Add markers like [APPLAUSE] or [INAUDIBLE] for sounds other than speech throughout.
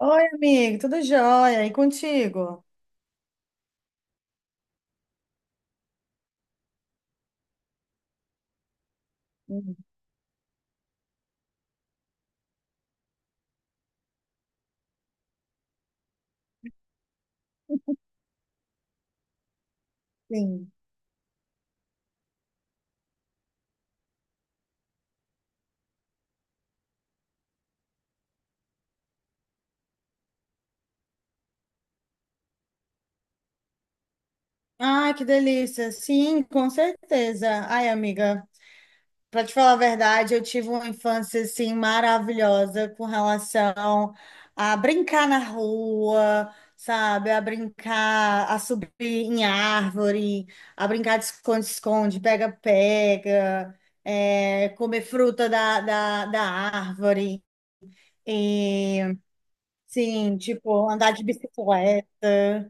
Oi, amigo, tudo jóia? E contigo? Hum. Sim. Ah, que delícia. Sim, com certeza. Ai, amiga, para te falar a verdade, eu tive uma infância assim maravilhosa com relação a brincar na rua, sabe? A brincar, a subir em árvore, a brincar de esconde-esconde, pega-pega, comer fruta da árvore. E Sim, tipo, andar de bicicleta.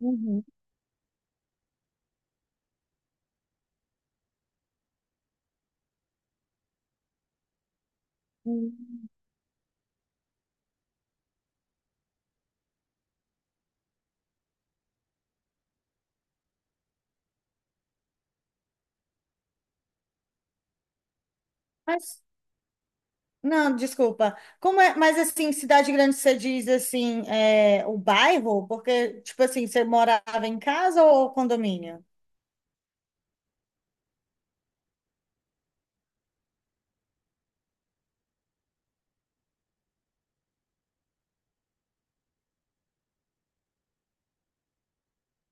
Uhum. Hum. Mas, não, desculpa. Como é? Mas assim, cidade grande você diz assim, é, o bairro? Porque, tipo assim, você morava em casa ou condomínio?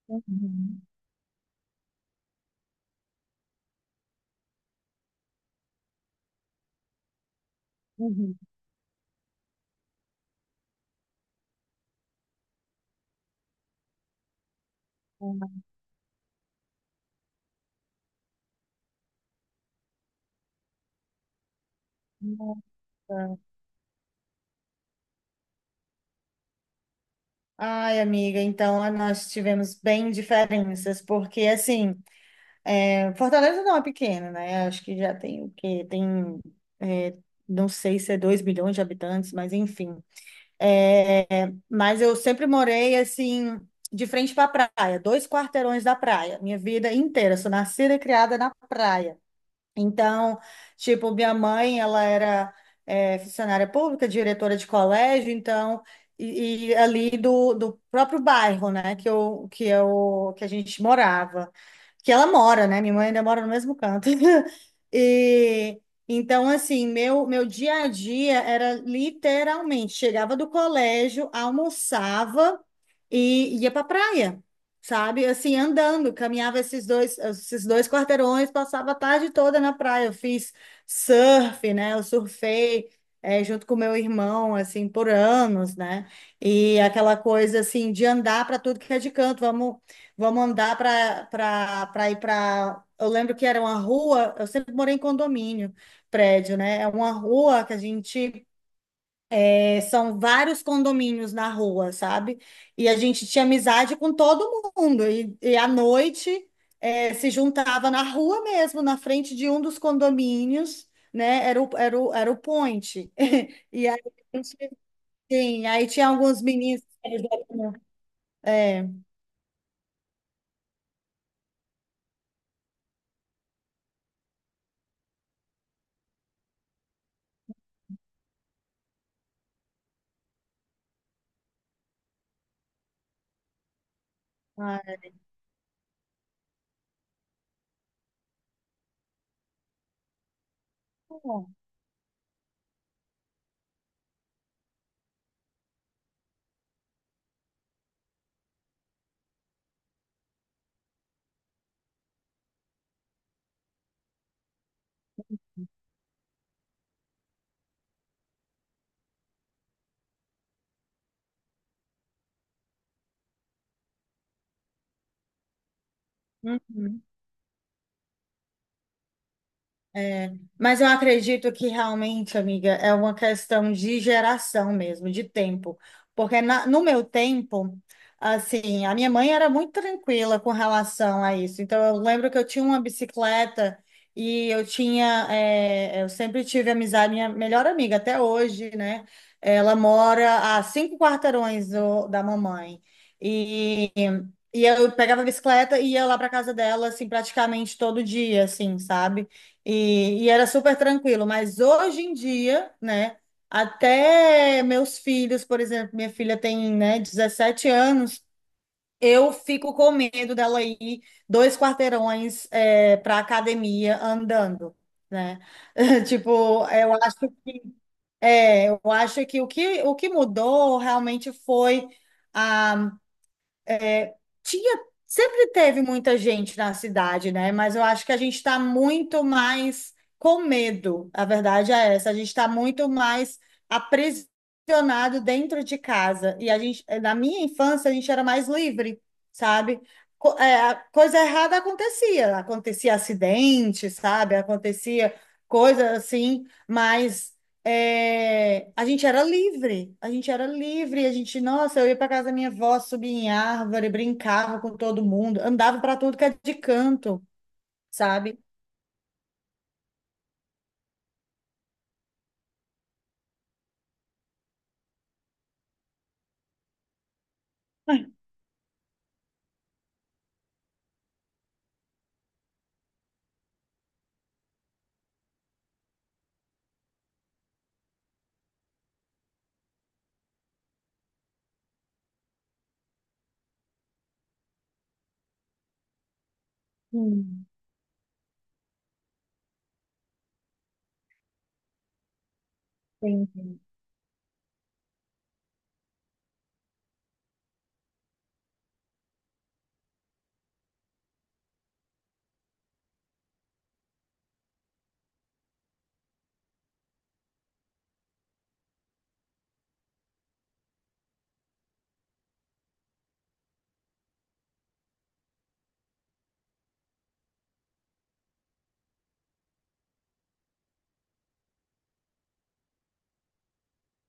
Uhum. Uhum. Ah, nossa. Ai, amiga, então, ah, nós tivemos bem diferenças, porque assim, é, Fortaleza não é pequena, né? Acho que já tem o quê? Tem, é, não sei se é 2 milhões de habitantes, mas enfim. É, mas eu sempre morei assim, de frente para a praia, dois quarteirões da praia, minha vida inteira. Sou nascida e criada na praia. Então, tipo, minha mãe, ela era, é, funcionária pública, diretora de colégio, então, e ali do, do próprio bairro, né, que a gente morava, que ela mora, né, minha mãe ainda mora no mesmo canto. [LAUGHS] E então, assim, meu dia a dia era literalmente: chegava do colégio, almoçava e ia para praia, sabe? Assim, andando, caminhava esses dois quarteirões, passava a tarde toda na praia. Eu fiz surf, né? Eu surfei, junto com meu irmão, assim, por anos, né? E aquela coisa, assim, de andar para tudo que é de canto, vamos, vamos andar para ir para. Eu lembro que era uma rua, eu sempre morei em condomínio, prédio, né? É uma rua que a gente, é, são vários condomínios na rua, sabe? E a gente tinha amizade com todo mundo. E à noite, é, se juntava na rua mesmo, na frente de um dos condomínios, né? Era o point. [LAUGHS] E aí, a gente, sim, aí tinha alguns meninos. É, ah, é bom. Uhum. É, mas eu acredito que realmente, amiga, é uma questão de geração mesmo, de tempo. Porque no meu tempo, assim, a minha mãe era muito tranquila com relação a isso. Então, eu lembro que eu tinha uma bicicleta e eu tinha, é, eu sempre tive amizade, minha melhor amiga até hoje, né? Ela mora a cinco quarteirões da mamãe. E, e eu pegava a bicicleta e ia lá para casa dela, assim, praticamente todo dia, assim, sabe? E era super tranquilo, mas hoje em dia, né, até meus filhos, por exemplo, minha filha tem, né, 17 anos, eu fico com medo dela ir dois quarteirões, é, para academia andando, né? [LAUGHS] Tipo, eu acho, é, eu acho que o que mudou realmente foi, é, tinha, sempre teve muita gente na cidade, né? Mas eu acho que a gente está muito mais com medo. A verdade é essa, a gente está muito mais aprisionado dentro de casa. E a gente, na minha infância, a gente era mais livre, sabe? A coisa errada acontecia, acontecia acidente, sabe? Acontecia coisa assim, mas, é, a gente era livre, a gente, nossa, eu ia para casa da minha avó, subia em árvore, brincava com todo mundo, andava para tudo que é de canto, sabe? Hum, entendi.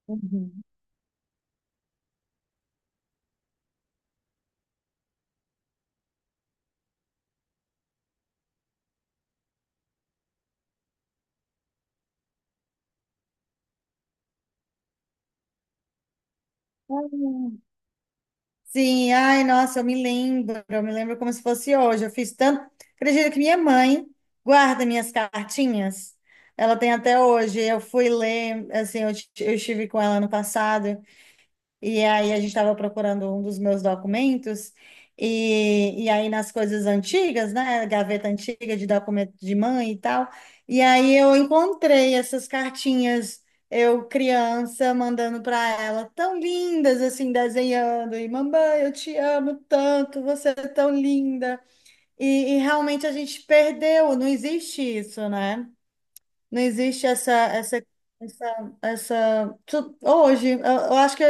Uhum. Sim, ai, nossa, eu me lembro como se fosse hoje. Eu fiz tanto. Acredito que minha mãe guarda minhas cartinhas. Ela tem até hoje. Eu fui ler, assim, eu estive com ela ano passado. E aí a gente estava procurando um dos meus documentos, e aí nas coisas antigas, né? Gaveta antiga de documento de mãe e tal. E aí eu encontrei essas cartinhas, eu criança, mandando para ela, tão lindas, assim, desenhando, e: mamãe, eu te amo tanto, você é tão linda. E realmente a gente perdeu, não existe isso, né? Não existe essa. Hoje, eu acho que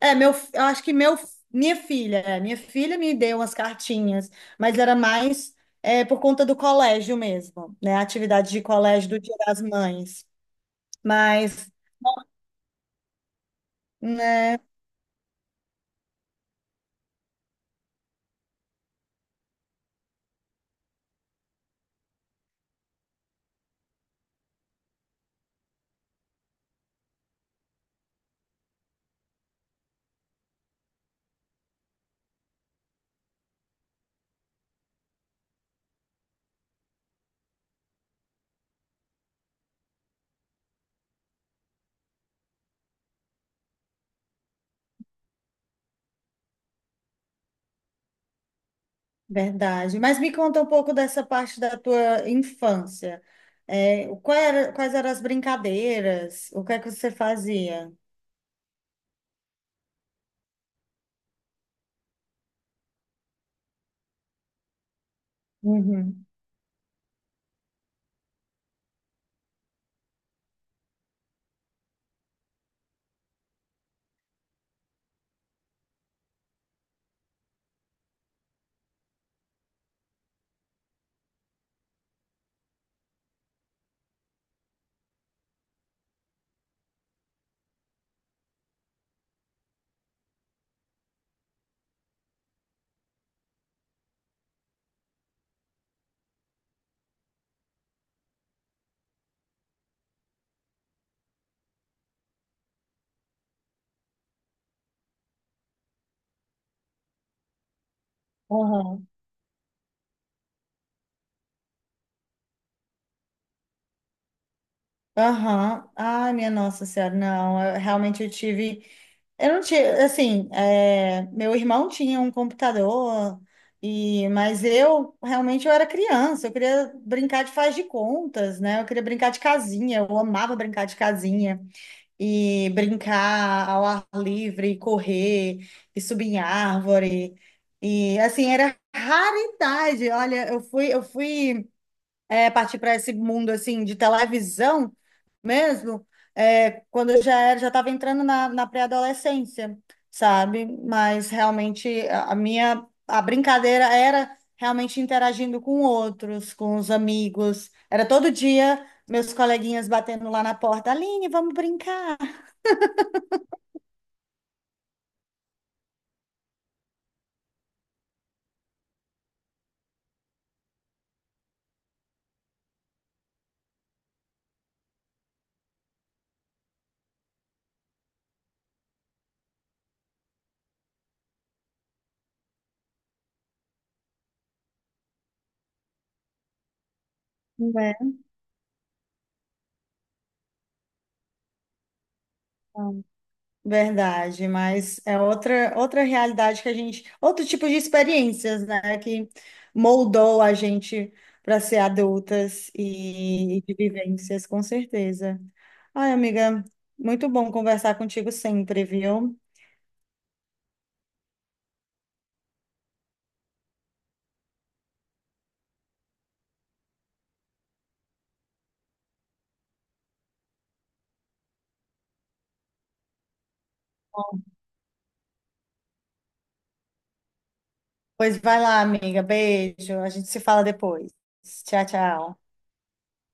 é meu, eu acho que meu, minha filha, é, minha filha me deu umas cartinhas, mas era mais, é, por conta do colégio mesmo, né? A atividade de colégio do Dia das Mães. Mas, né, verdade. Mas me conta um pouco dessa parte da tua infância. É, quais eram as brincadeiras? O que é que você fazia? Uhum. Aham. Ai, minha Nossa Senhora, não, realmente eu tive. Eu não tinha, assim, é, meu irmão tinha um computador, e mas eu realmente, eu era criança, eu queria brincar de faz de contas, né? Eu queria brincar de casinha, eu amava brincar de casinha e brincar ao ar livre, e correr e subir em árvore. E assim, era raridade. Olha, eu fui, é, partir para esse mundo assim de televisão mesmo, é, quando eu já era, já estava entrando na, na pré-adolescência, sabe? Mas realmente a minha, a brincadeira era realmente interagindo com outros, com os amigos. Era todo dia meus coleguinhas batendo lá na porta: Aline, vamos brincar. Não é? Verdade, mas é outra realidade que a gente, outro tipo de experiências, né, que moldou a gente para ser adultas e de vivências, com certeza. Ai, amiga, muito bom conversar contigo sempre, viu? Pois vai lá, amiga, beijo, a gente se fala depois. Tchau, tchau.